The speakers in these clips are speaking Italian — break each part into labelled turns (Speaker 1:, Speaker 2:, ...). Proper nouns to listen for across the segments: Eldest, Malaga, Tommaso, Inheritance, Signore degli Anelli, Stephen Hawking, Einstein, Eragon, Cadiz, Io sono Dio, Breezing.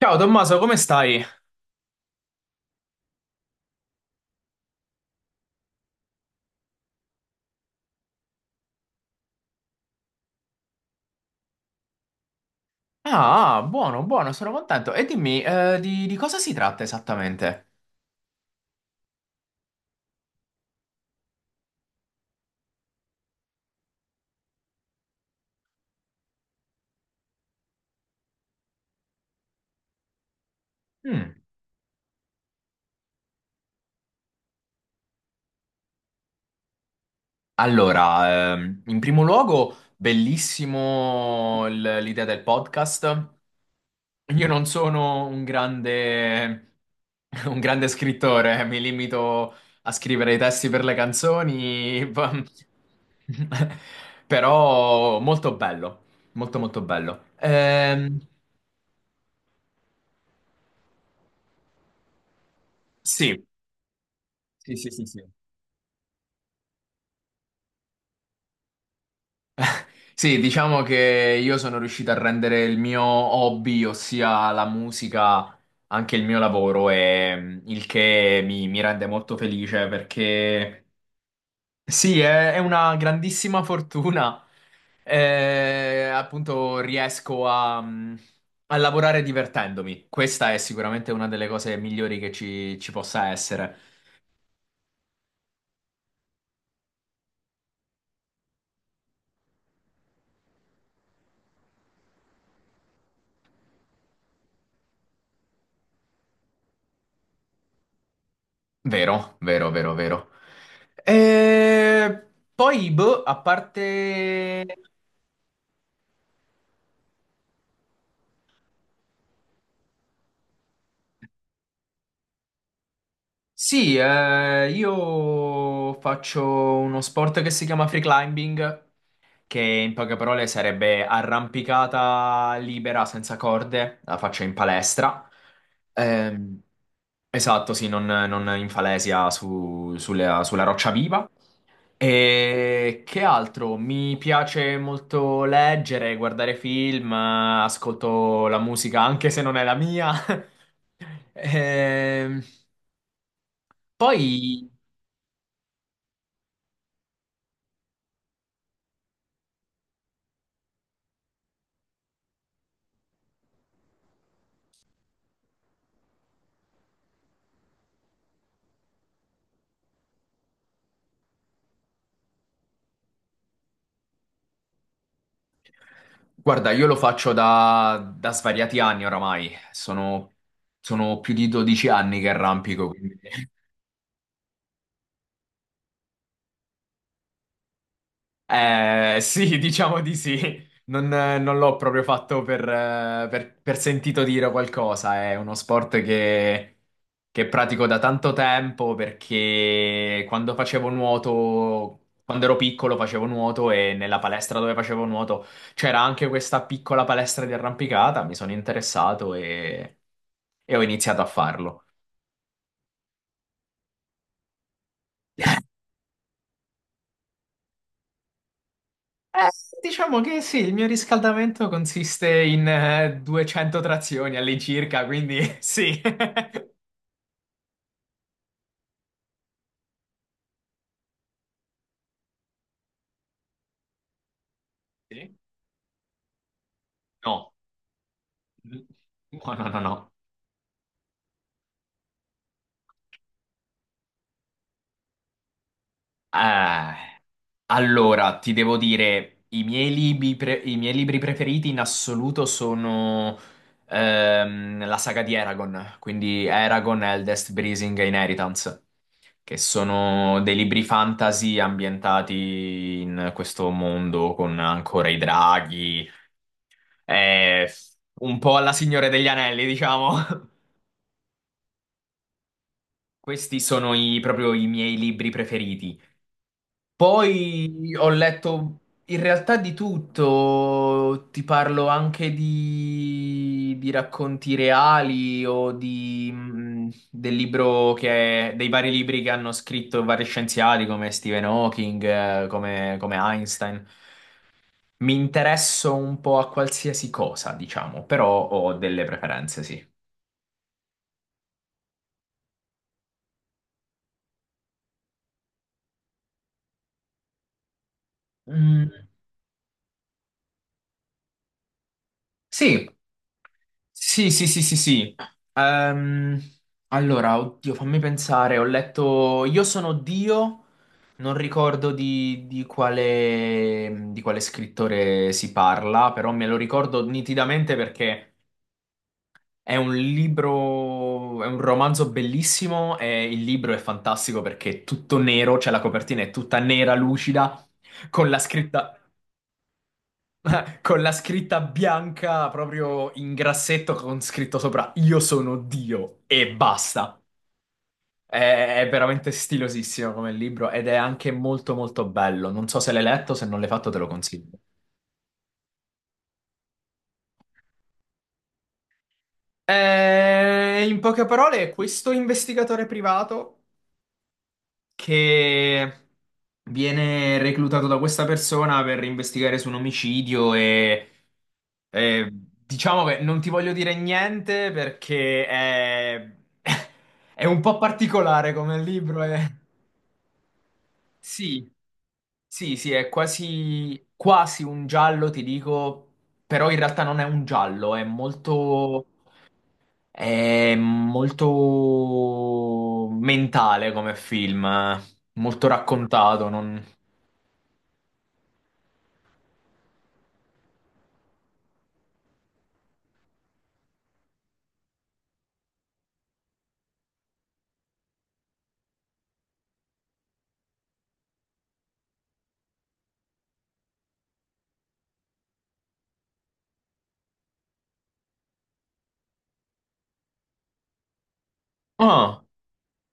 Speaker 1: Ciao Tommaso, come stai? Ah, ah, buono, buono, sono contento. E dimmi, di cosa si tratta esattamente? Mm. Allora, in primo luogo, bellissimo l'idea del podcast. Io non sono un grande, un grande scrittore, mi limito a scrivere i testi per le canzoni, però molto bello, molto molto bello. Sì, sì, sì, sì, sì. Sì, diciamo che io sono riuscito a rendere il mio hobby, ossia la musica, anche il mio lavoro, e il che mi rende molto felice perché sì, è una grandissima fortuna. Appunto, riesco a, a lavorare divertendomi. Questa è sicuramente una delle cose migliori che ci possa essere. Vero, vero, vero, vero. E poi, boh, a parte. Sì, io faccio uno sport che si chiama free climbing, che in poche parole sarebbe arrampicata libera senza corde, la faccio in palestra. Ehm, esatto, sì, non in falesia sulla, sulla roccia viva. E che altro? Mi piace molto leggere, guardare film, ascolto la musica anche se non è la mia. Ehm, poi... Guarda, io lo faccio da svariati anni oramai, sono, sono più di 12 anni che arrampico, quindi eh, sì, diciamo di sì. Non, non l'ho proprio fatto per, per sentito dire qualcosa. È uno sport che pratico da tanto tempo perché quando facevo nuoto, quando ero piccolo facevo nuoto e nella palestra dove facevo nuoto c'era anche questa piccola palestra di arrampicata. Mi sono interessato e ho iniziato a farlo. Eh, diciamo che sì, il mio riscaldamento consiste in 200 trazioni all'incirca, quindi sì. Sì? No. No, no, no, no. Eh, allora, ti devo dire, i miei libri preferiti in assoluto sono la saga di Eragon, quindi Eragon, Eldest, Breezing e Inheritance, che sono dei libri fantasy ambientati in questo mondo con ancora i draghi, eh, un po' alla Signore degli Anelli, diciamo. Questi sono proprio i miei libri preferiti. Poi ho letto in realtà di tutto, ti parlo anche di racconti reali o di, del libro che, dei vari libri che hanno scritto vari scienziati come Stephen Hawking, come, come Einstein. Mi interesso un po' a qualsiasi cosa, diciamo, però ho delle preferenze, sì. Mm, sì, sì, sì, sì, sì, sì. Ehm, allora, oddio, fammi pensare. Ho letto Io sono Dio, non ricordo di quale scrittore si parla, però me lo ricordo nitidamente perché è un libro, è un romanzo bellissimo e il libro è fantastico perché è tutto nero, cioè la copertina è tutta nera, lucida, con la scritta con la scritta bianca proprio in grassetto con scritto sopra Io sono Dio e basta. È, è veramente stilosissimo come libro ed è anche molto molto bello. Non so se l'hai letto, se non l'hai fatto te lo consiglio. In poche parole, questo investigatore privato che viene reclutato da questa persona per investigare su un omicidio e diciamo che non ti voglio dire niente perché è, è un po' particolare come libro. È... Sì, sì, sì, è quasi, quasi un giallo, ti dico, però in realtà non è un giallo, è molto... È molto mentale come film, eh. Molto raccontato. Non- Ah,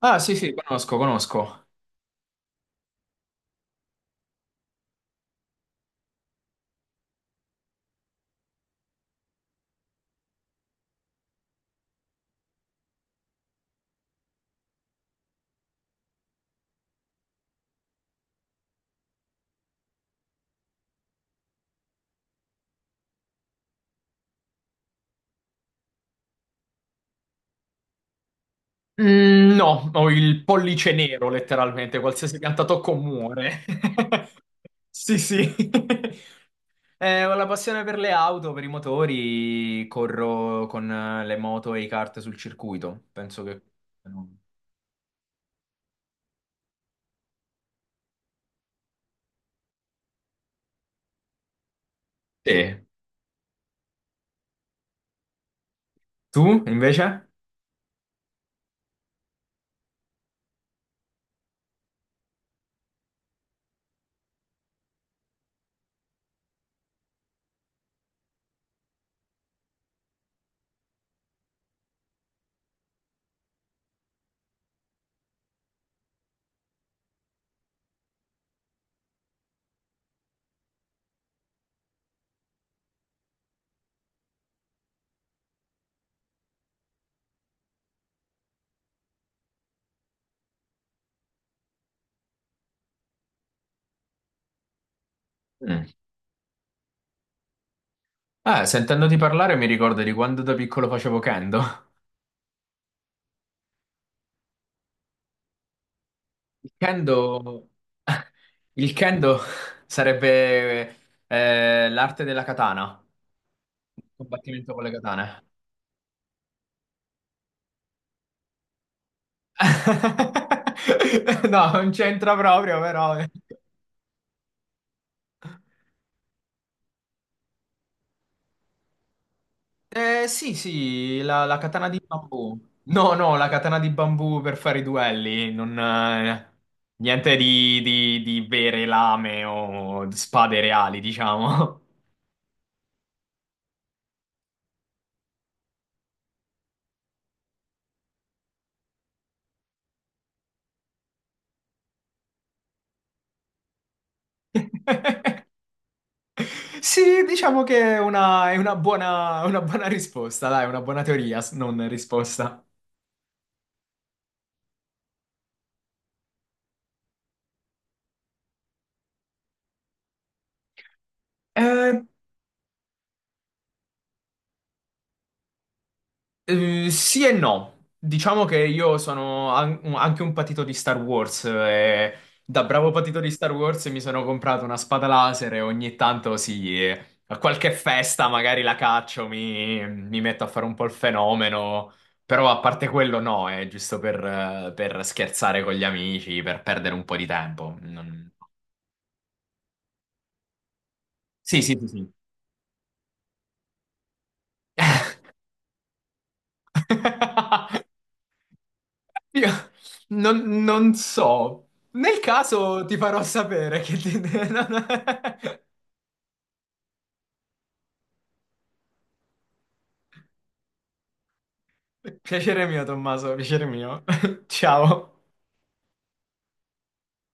Speaker 1: ah, sì, sì, conosco, conosco. Mm, no, ho il pollice nero, letteralmente, qualsiasi pianta tocco muore. Sì, sì. Ho la passione per le auto, per i motori, corro con le moto e i kart sul circuito. Penso che... Sì. Tu, invece? Mm. Sentendoti parlare mi ricordo di quando da piccolo facevo kendo. Il kendo, il kendo sarebbe l'arte della katana, il combattimento con le katane. No, non c'entra proprio, però. Eh, sì, sì, la katana di bambù. No, no, la katana di bambù per fare i duelli, non, niente di vere lame o spade reali, diciamo. Sì, diciamo che è una buona risposta, dai, una buona teoria, non risposta. Eh, sì e no. Diciamo che io sono anche un patito di Star Wars e da bravo patito di Star Wars mi sono comprato una spada laser e ogni tanto sì, a qualche festa magari la caccio, mi metto a fare un po' il fenomeno, però a parte quello no, è giusto per scherzare con gli amici, per perdere un po' di tempo. Non- Sì, sì, sì, sì. Io non, non so. Nel caso ti farò sapere che ti... Piacere mio, Tommaso, piacere mio. Ciao.